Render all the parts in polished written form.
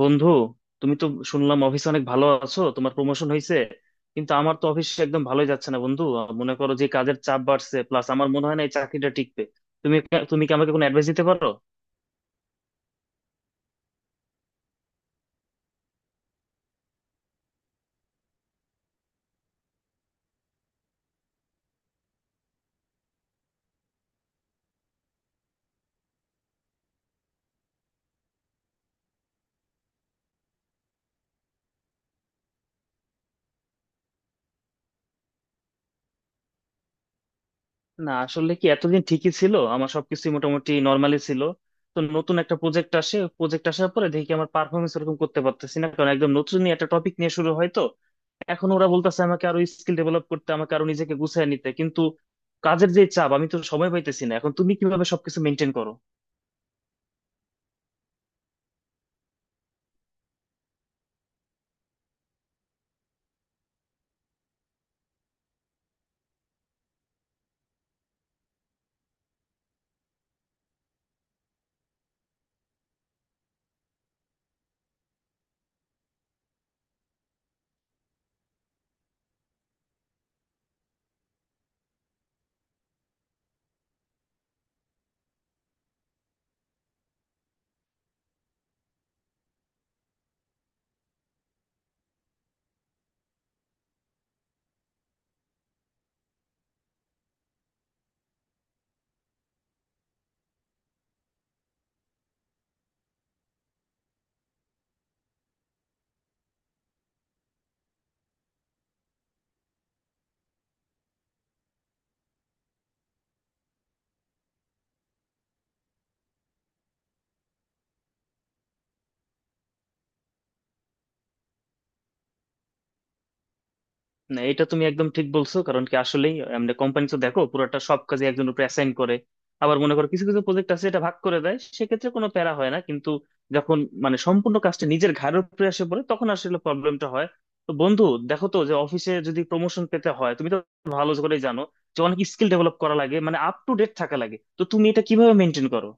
বন্ধু, তুমি তো শুনলাম অফিসে অনেক ভালো আছো, তোমার প্রমোশন হয়েছে। কিন্তু আমার তো অফিসে একদম ভালোই যাচ্ছে না বন্ধু। মনে করো যে কাজের চাপ বাড়ছে, প্লাস আমার মনে হয় না এই চাকরিটা টিকবে। তুমি তুমি কি আমাকে কোনো অ্যাডভাইস দিতে পারো? না, আসলে কি এতদিন ঠিকই ছিল, আমার সবকিছু মোটামুটি নর্মালি ছিল। তো নতুন একটা প্রজেক্ট আসে, প্রজেক্ট আসার পরে দেখি আমার পারফরমেন্স এরকম করতে পারতেছি না, কারণ একদম নতুন নিয়ে একটা টপিক নিয়ে শুরু হয়। তো এখন ওরা বলতেছে আমাকে আরো স্কিল ডেভেলপ করতে, আমাকে আরো নিজেকে গুছিয়ে নিতে। কিন্তু কাজের যে চাপ, আমি তো সময় পাইতেছি না। এখন তুমি কিভাবে সবকিছু মেনটেন করো? না, এটা তুমি একদম ঠিক বলছো। কারণ কি, আসলেই আমরা কোম্পানি তো দেখো পুরোটা সব কাজে একজন উপরে অ্যাসাইন করে। আবার মনে করো কিছু কিছু প্রজেক্ট আছে এটা ভাগ করে দেয়, সেক্ষেত্রে কোনো প্যারা হয় না। কিন্তু যখন মানে সম্পূর্ণ কাজটা নিজের ঘাড়ের উপরে এসে পড়ে, তখন আসলে প্রবলেমটা হয়। তো বন্ধু, দেখো তো, যে অফিসে যদি প্রমোশন পেতে হয়, তুমি তো ভালো করেই জানো যে অনেক স্কিল ডেভেলপ করা লাগে, মানে আপ টু ডেট থাকা লাগে। তো তুমি এটা কিভাবে মেনটেন করো?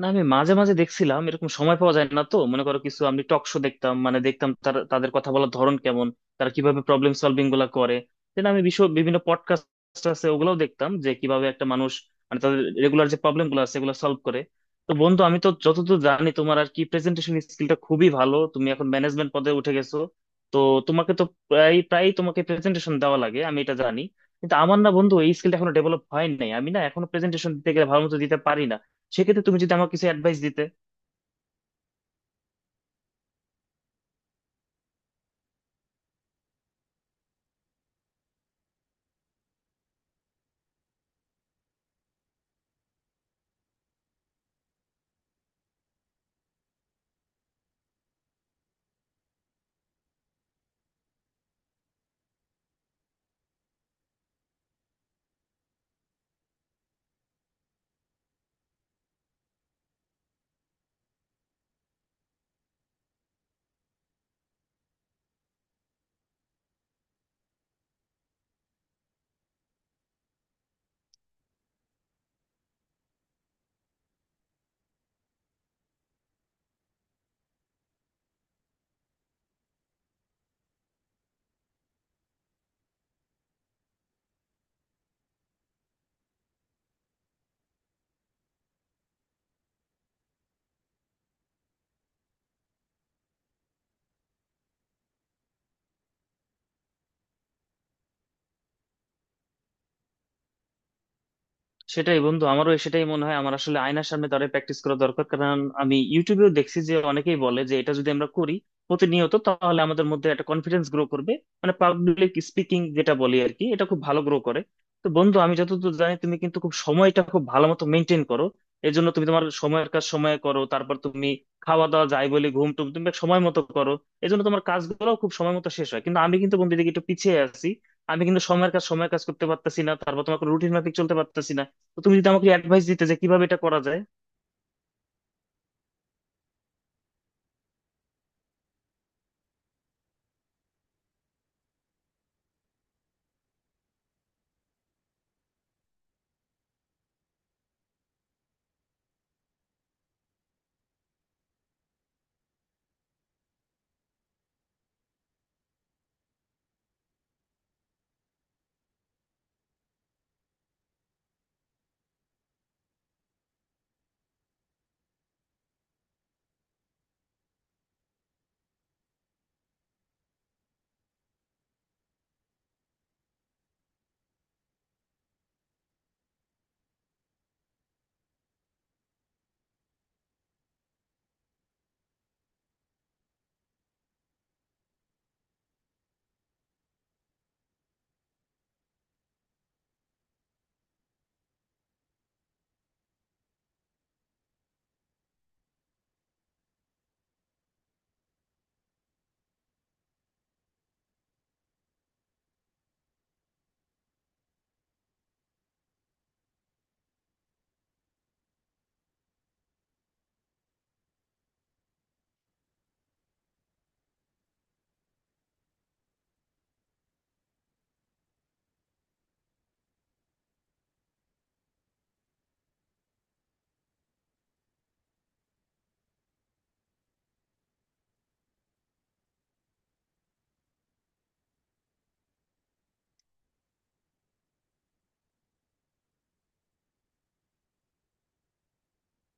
না, আমি মাঝে মাঝে দেখছিলাম, এরকম সময় পাওয়া যায় না। তো মনে করো কিছু আমি টক শো দেখতাম, মানে দেখতাম তাদের কথা বলার ধরন কেমন, তারা কিভাবে প্রবলেম সলভিং গুলা করে। দেন আমি বিশ্ব বিভিন্ন পডকাস্ট আছে ওগুলোও দেখতাম, যে কিভাবে একটা মানুষ মানে তাদের রেগুলার যে প্রবলেম গুলো আছে এগুলো সলভ করে। তো বন্ধু, আমি তো যতদূর জানি, তোমার আর কি প্রেজেন্টেশন স্কিলটা খুবই ভালো, তুমি এখন ম্যানেজমেন্ট পদে উঠে গেছো। তো তোমাকে তো প্রায় প্রায় তোমাকে প্রেজেন্টেশন দেওয়া লাগে, আমি এটা জানি। কিন্তু আমার না বন্ধু এই স্কিলটা এখনো ডেভেলপ হয় নাই। আমি না এখনো প্রেজেন্টেশন দিতে গেলে ভালো মতো দিতে পারি না। সেক্ষেত্রে তুমি যদি আমাকে কিছু অ্যাডভাইস দিতে। সেটাই বন্ধু, আমারও সেটাই মনে হয়। আমার আসলে আয়নার সামনে দাঁড়িয়ে প্র্যাকটিস করা দরকার, কারণ আমি ইউটিউবেও দেখছি যে অনেকেই বলে যে এটা যদি আমরা করি প্রতিনিয়ত, তাহলে আমাদের মধ্যে একটা কনফিডেন্স গ্রো করবে। মানে পাবলিক স্পিকিং যেটা বলি আর কি, এটা খুব ভালো গ্রো করে। তো বন্ধু, আমি যতদূর জানি তুমি কিন্তু খুব সময়টা খুব ভালো মতো মেনটেন করো। এই জন্য তুমি তোমার সময়ের কাজ সময়ে করো, তারপর তুমি খাওয়া দাওয়া যাই বলে, ঘুম টুম তুমি সময় মতো করো। এই জন্য তোমার কাজগুলো খুব সময় মতো শেষ হয়। কিন্তু আমি কিন্তু বন্ধু এদিকে একটু পিছিয়ে আছি। আমি কিন্তু সময়ের কাজ সময়ের কাজ করতে পারতেছি না, তারপর তোমার রুটিন মাফিক চলতে পারতেছি না। তো তুমি যদি আমাকে অ্যাডভাইস দিতে যে কিভাবে এটা করা যায়।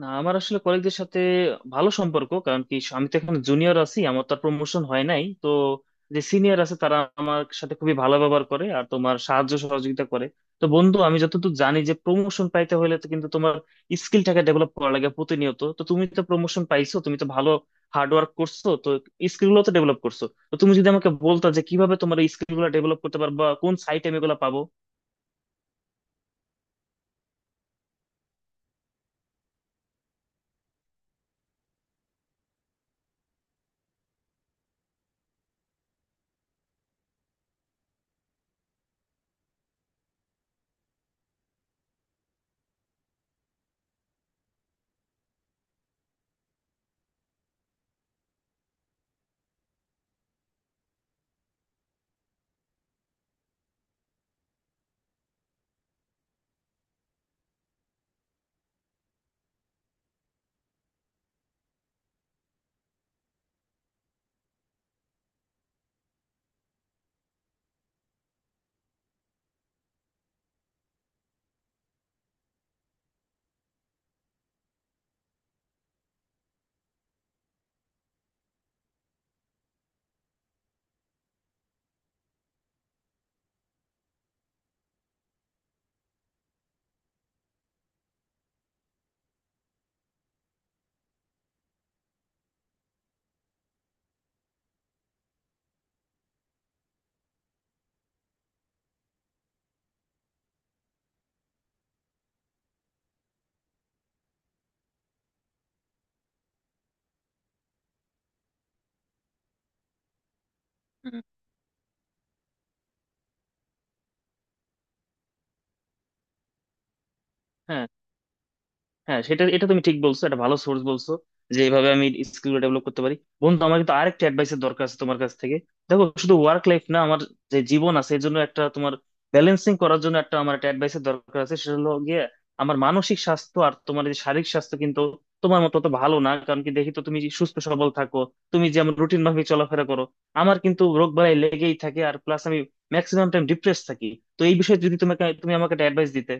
না, আমার আসলে কলিগদের সাথে ভালো সম্পর্ক। কারণ কি আমি তো এখন জুনিয়র আছি, আমার তো প্রমোশন হয় নাই। তো যে সিনিয়র আছে তারা আমার সাথে খুবই ভালো ব্যবহার করে আর তোমার সাহায্য সহযোগিতা করে। তো বন্ধু, আমি যতটুকু জানি যে প্রমোশন পাইতে হলে তো কিন্তু তোমার স্কিলটাকে ডেভেলপ করা লাগে প্রতিনিয়ত। তো তুমি তো প্রমোশন পাইছো, তুমি তো ভালো হার্ড ওয়ার্ক করছো, তো স্কিল গুলো তো ডেভেলপ করছো। তো তুমি যদি আমাকে বলতা যে কিভাবে তোমার এই স্কিল গুলো ডেভেলপ করতে পারবা, কোন সাইটে আমি এগুলো পাবো। হ্যাঁ, হ্যাঁ, সেটা, এটা তুমি ঠিক বলছো, এটা ভালো সোর্স বলছো, যে এইভাবে আমি স্কিল ডেভেলপ করতে পারি। বন্ধু, আমার কিন্তু আরেকটা অ্যাডভাইসের দরকার আছে তোমার কাছ থেকে। দেখো, শুধু ওয়ার্ক লাইফ না, আমার যে জীবন আছে এর জন্য একটা তোমার ব্যালেন্সিং করার জন্য একটা আমার একটা অ্যাডভাইসের দরকার আছে। সেটা হলো গিয়ে আমার মানসিক স্বাস্থ্য আর তোমার এই যে শারীরিক স্বাস্থ্য কিন্তু তোমার মতো তো ভালো না। কারণ কি, দেখি তো তুমি সুস্থ সবল থাকো, তুমি যেমন রুটিন মাফিক চলাফেরা করো। আমার কিন্তু রোগ বালাই লেগেই থাকে, আর প্লাস আমি ম্যাক্সিমাম টাইম ডিপ্রেস থাকি। তো এই বিষয়ে যদি তোমাকে তুমি আমাকে একটা অ্যাডভাইস দিতে।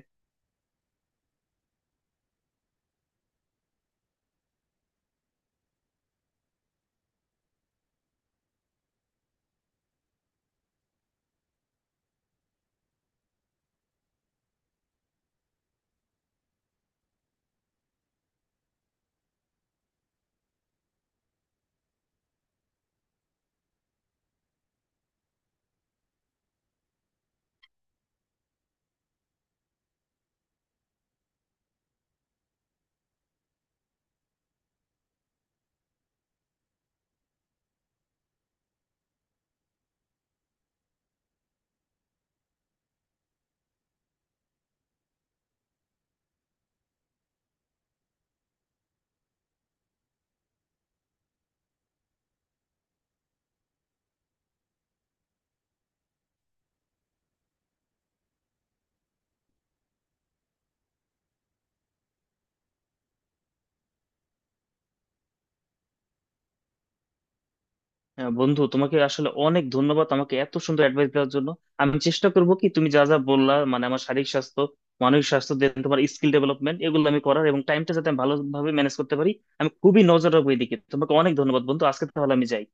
হ্যাঁ বন্ধু, তোমাকে আসলে অনেক ধন্যবাদ আমাকে এত সুন্দর অ্যাডভাইস দেওয়ার জন্য। আমি চেষ্টা করব কি তুমি যা যা বললা, মানে আমার শারীরিক স্বাস্থ্য, মানসিক স্বাস্থ্য, দেন তোমার স্কিল ডেভেলপমেন্ট, এগুলো আমি করার এবং টাইমটা যাতে আমি ভালোভাবে ম্যানেজ করতে পারি। আমি খুবই নজর রাখবো এদিকে। তোমাকে অনেক ধন্যবাদ বন্ধু। আজকে তাহলে আমি যাই।